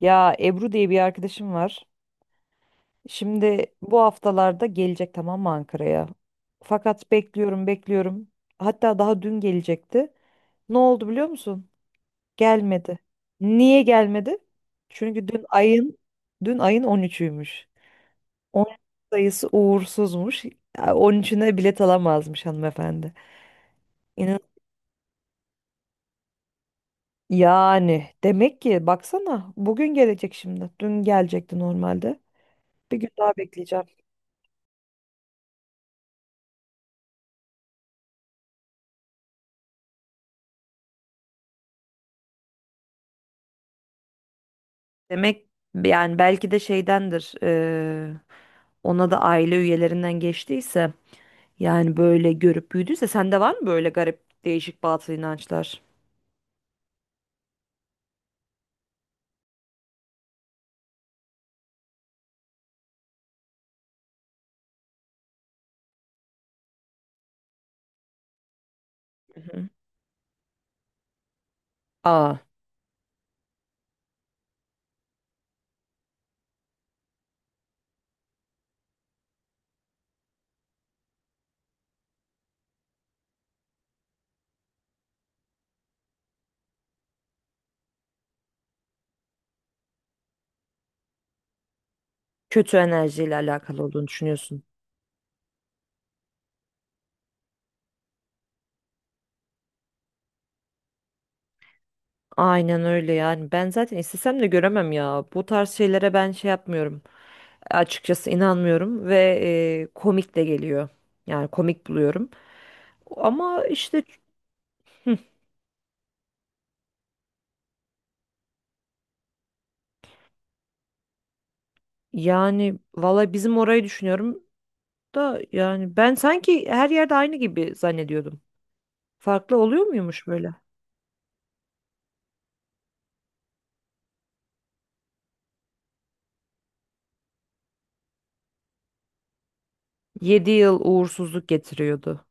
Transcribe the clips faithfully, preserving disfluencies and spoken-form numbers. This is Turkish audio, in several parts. Ya Ebru diye bir arkadaşım var. Şimdi bu haftalarda gelecek, tamam mı, Ankara'ya? Fakat bekliyorum, bekliyorum. Hatta daha dün gelecekti. Ne oldu biliyor musun? Gelmedi. Niye gelmedi? Çünkü dün ayın dün ayın on üçüymüş. on üç sayısı uğursuzmuş. Ya, on üçüne bilet alamazmış hanımefendi. İnan yani demek ki baksana bugün gelecek şimdi. Dün gelecekti normalde. Bir gün daha bekleyeceğim. Demek yani belki de şeydendir eee, ona da aile üyelerinden geçtiyse, yani böyle görüp büyüdüyse, sende var mı böyle garip değişik batıl inançlar? Hı hı. Aa, kötü enerjiyle alakalı olduğunu düşünüyorsun. Aynen öyle yani, ben zaten istesem de göremem ya. Bu tarz şeylere ben şey yapmıyorum, açıkçası inanmıyorum ve eee, komik de geliyor, yani komik buluyorum, ama işte. Hı. Yani valla bizim orayı düşünüyorum da, yani ben sanki her yerde aynı gibi zannediyordum. Farklı oluyor muymuş böyle? Yedi yıl uğursuzluk getiriyordu.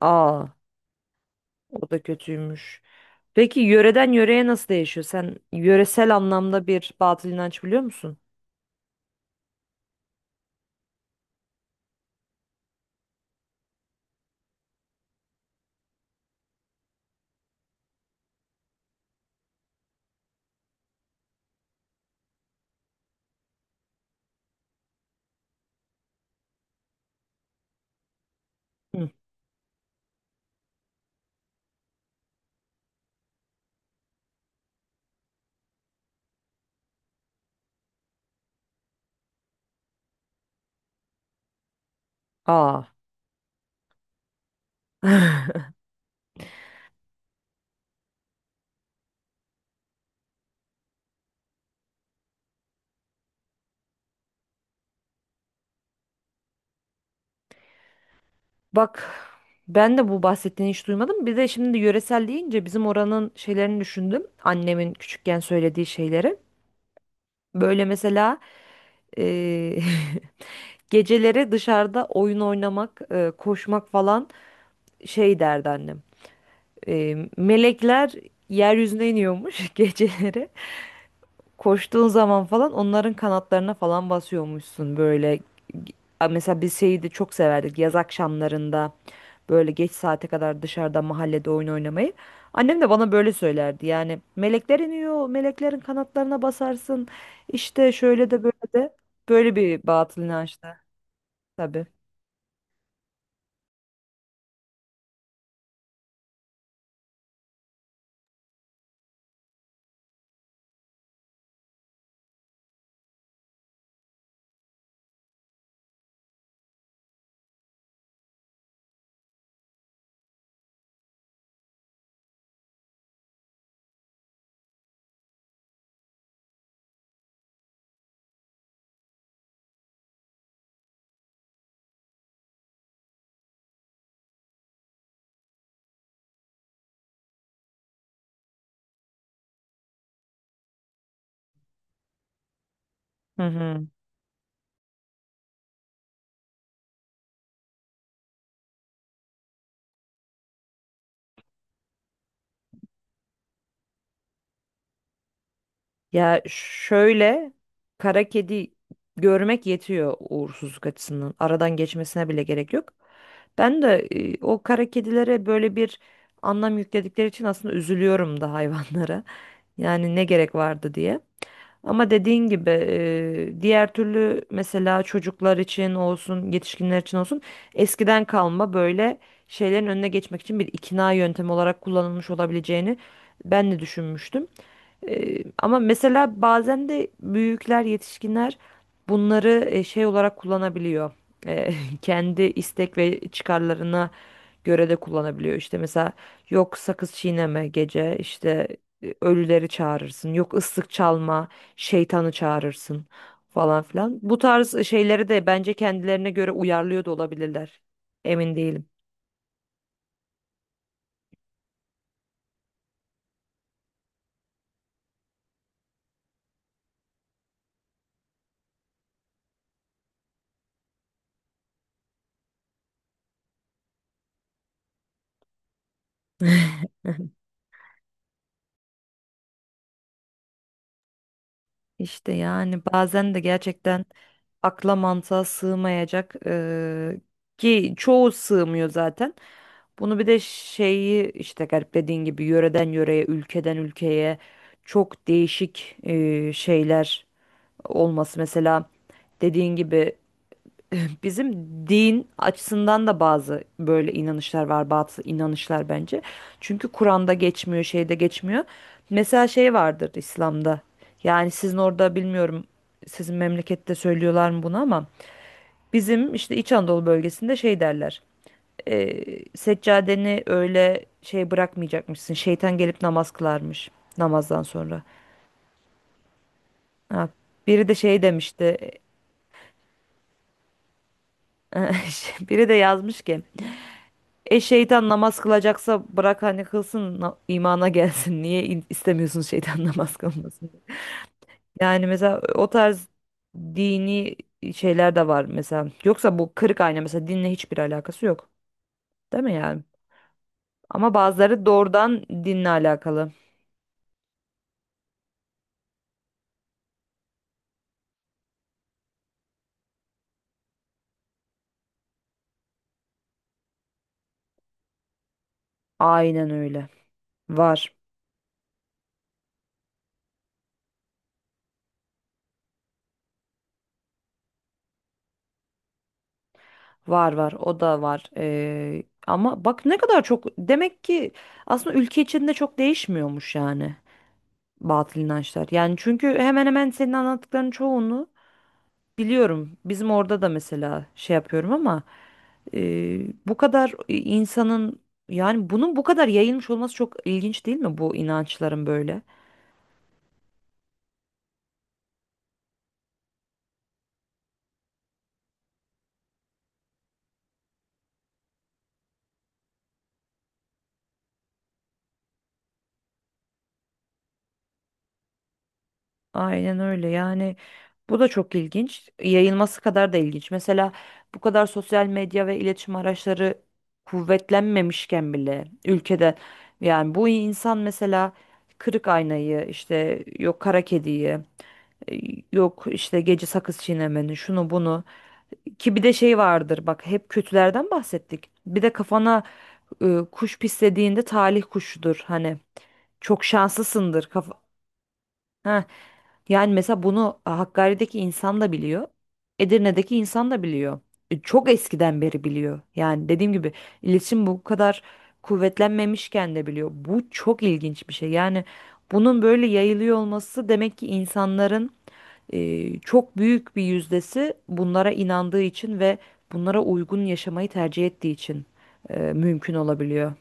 Aa, o da kötüymüş. Peki yöreden yöreye nasıl değişiyor? Sen yöresel anlamda bir batıl inanç biliyor musun? Hı. Aa. Bak, ben de bu bahsettiğini hiç duymadım. Bir de şimdi yöresel deyince bizim oranın şeylerini düşündüm. Annemin küçükken söylediği şeyleri. Böyle mesela eee, geceleri dışarıda oyun oynamak, eee, koşmak falan, şey derdi annem. Eee, melekler yeryüzüne iniyormuş geceleri. Koştuğun zaman falan onların kanatlarına falan basıyormuşsun böyle. A, mesela biz şeyi de çok severdik, yaz akşamlarında böyle geç saate kadar dışarıda mahallede oyun oynamayı. Annem de bana böyle söylerdi yani, melekler iniyor, meleklerin kanatlarına basarsın işte, şöyle de böyle de, böyle bir batıl inançta. Tabii. Hı hı. Ya şöyle, kara kedi görmek yetiyor uğursuzluk açısından. Aradan geçmesine bile gerek yok. Ben de e, o kara kedilere böyle bir anlam yükledikleri için aslında üzülüyorum da hayvanlara. Yani ne gerek vardı diye. Ama dediğin gibi, e, diğer türlü mesela çocuklar için olsun, yetişkinler için olsun, eskiden kalma böyle şeylerin önüne geçmek için bir ikna yöntemi olarak kullanılmış olabileceğini ben de düşünmüştüm. Ee, ama mesela bazen de büyükler, yetişkinler bunları e, şey olarak kullanabiliyor. Ee, kendi istek ve çıkarlarına göre de kullanabiliyor. İşte mesela, yok sakız çiğneme gece, işte e, ölüleri çağırırsın, yok ıslık çalma, şeytanı çağırırsın falan filan. Bu tarz e, şeyleri de bence kendilerine göre uyarlıyor da olabilirler. Emin değilim. İşte yani bazen de gerçekten akla mantığa sığmayacak eee, ki çoğu sığmıyor zaten. Bunu bir de şeyi işte gariplediğin gibi, yöreden yöreye, ülkeden ülkeye çok değişik eee, şeyler olması. Mesela dediğin gibi, bizim din açısından da bazı böyle inanışlar var, bazı inanışlar bence. Çünkü Kur'an'da geçmiyor, şeyde geçmiyor. Mesela şey vardır İslam'da. Yani sizin orada bilmiyorum, sizin memlekette söylüyorlar mı bunu, ama bizim işte İç Anadolu bölgesinde şey derler. E, seccadeni öyle şey bırakmayacakmışsın. Şeytan gelip namaz kılarmış namazdan sonra. Ha, biri de şey demişti. Biri de yazmış ki, e şeytan namaz kılacaksa bırak hani kılsın, na- imana gelsin. Niye in- istemiyorsun şeytan namaz kılmasını? Yani mesela o tarz dini şeyler de var mesela. Yoksa bu kırık ayna mesela dinle hiçbir alakası yok. Değil mi yani? Ama bazıları doğrudan dinle alakalı. Aynen öyle. Var. Var var. O da var. Ee, ama bak ne kadar çok, demek ki aslında ülke içinde çok değişmiyormuş yani batıl inançlar. Yani çünkü hemen hemen senin anlattıkların çoğunu biliyorum bizim orada da. Mesela şey yapıyorum ama e, bu kadar insanın, yani bunun bu kadar yayılmış olması çok ilginç değil mi, bu inançların böyle? Aynen öyle yani, bu da çok ilginç, yayılması kadar da ilginç. Mesela bu kadar sosyal medya ve iletişim araçları kuvvetlenmemişken bile ülkede, yani bu insan mesela, kırık aynayı, işte yok kara kediyi, e, yok işte gece sakız çiğnemenin şunu bunu. Ki bir de şey vardır bak, hep kötülerden bahsettik. Bir de kafana e, kuş pislediğinde talih kuşudur hani. Çok şanslısındır. Kaf— ha, yani mesela bunu e, Hakkari'deki insan da biliyor. Edirne'deki insan da biliyor. E, çok eskiden beri biliyor. Yani dediğim gibi, iletişim bu kadar kuvvetlenmemişken de biliyor. Bu çok ilginç bir şey. Yani bunun böyle yayılıyor olması, demek ki insanların e, çok büyük bir yüzdesi bunlara inandığı için ve bunlara uygun yaşamayı tercih ettiği için e, mümkün olabiliyor.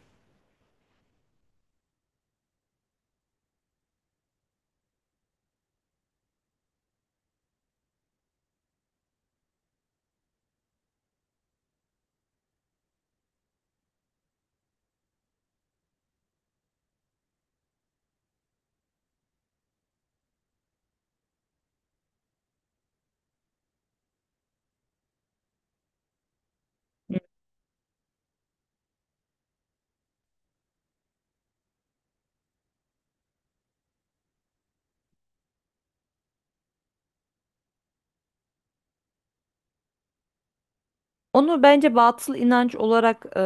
Onu bence batıl inanç olarak e,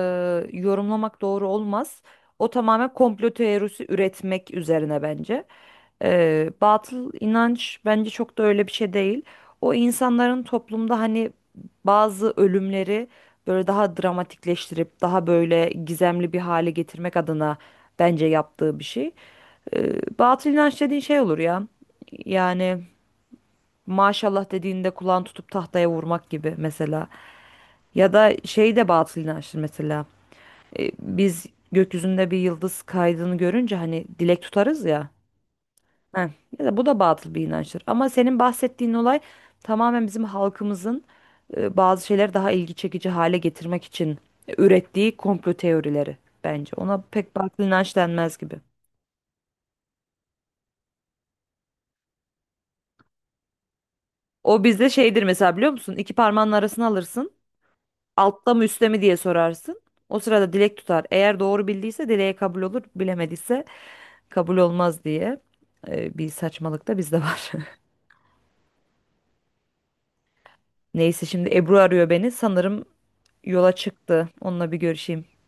yorumlamak doğru olmaz. O tamamen komplo teorisi üretmek üzerine bence. E, batıl inanç bence çok da öyle bir şey değil. O insanların toplumda hani bazı ölümleri böyle daha dramatikleştirip daha böyle gizemli bir hale getirmek adına bence yaptığı bir şey. E, batıl inanç dediğin şey olur ya. Yani maşallah dediğinde kulağını tutup tahtaya vurmak gibi mesela. Ya da şey de batıl inançtır mesela. E, biz gökyüzünde bir yıldız kaydığını görünce hani dilek tutarız ya. Heh, ya da bu da batıl bir inançtır. Ama senin bahsettiğin olay tamamen bizim halkımızın e, bazı şeyleri daha ilgi çekici hale getirmek için ürettiği komplo teorileri bence. Ona pek batıl inanç denmez gibi. O bizde şeydir mesela, biliyor musun? İki parmağının arasına alırsın. Altta mı üstte mi diye sorarsın. O sırada dilek tutar. Eğer doğru bildiyse dileğe kabul olur. Bilemediyse kabul olmaz diye e, bir saçmalık da bizde var. Neyse, şimdi Ebru arıyor beni. Sanırım yola çıktı. Onunla bir görüşeyim.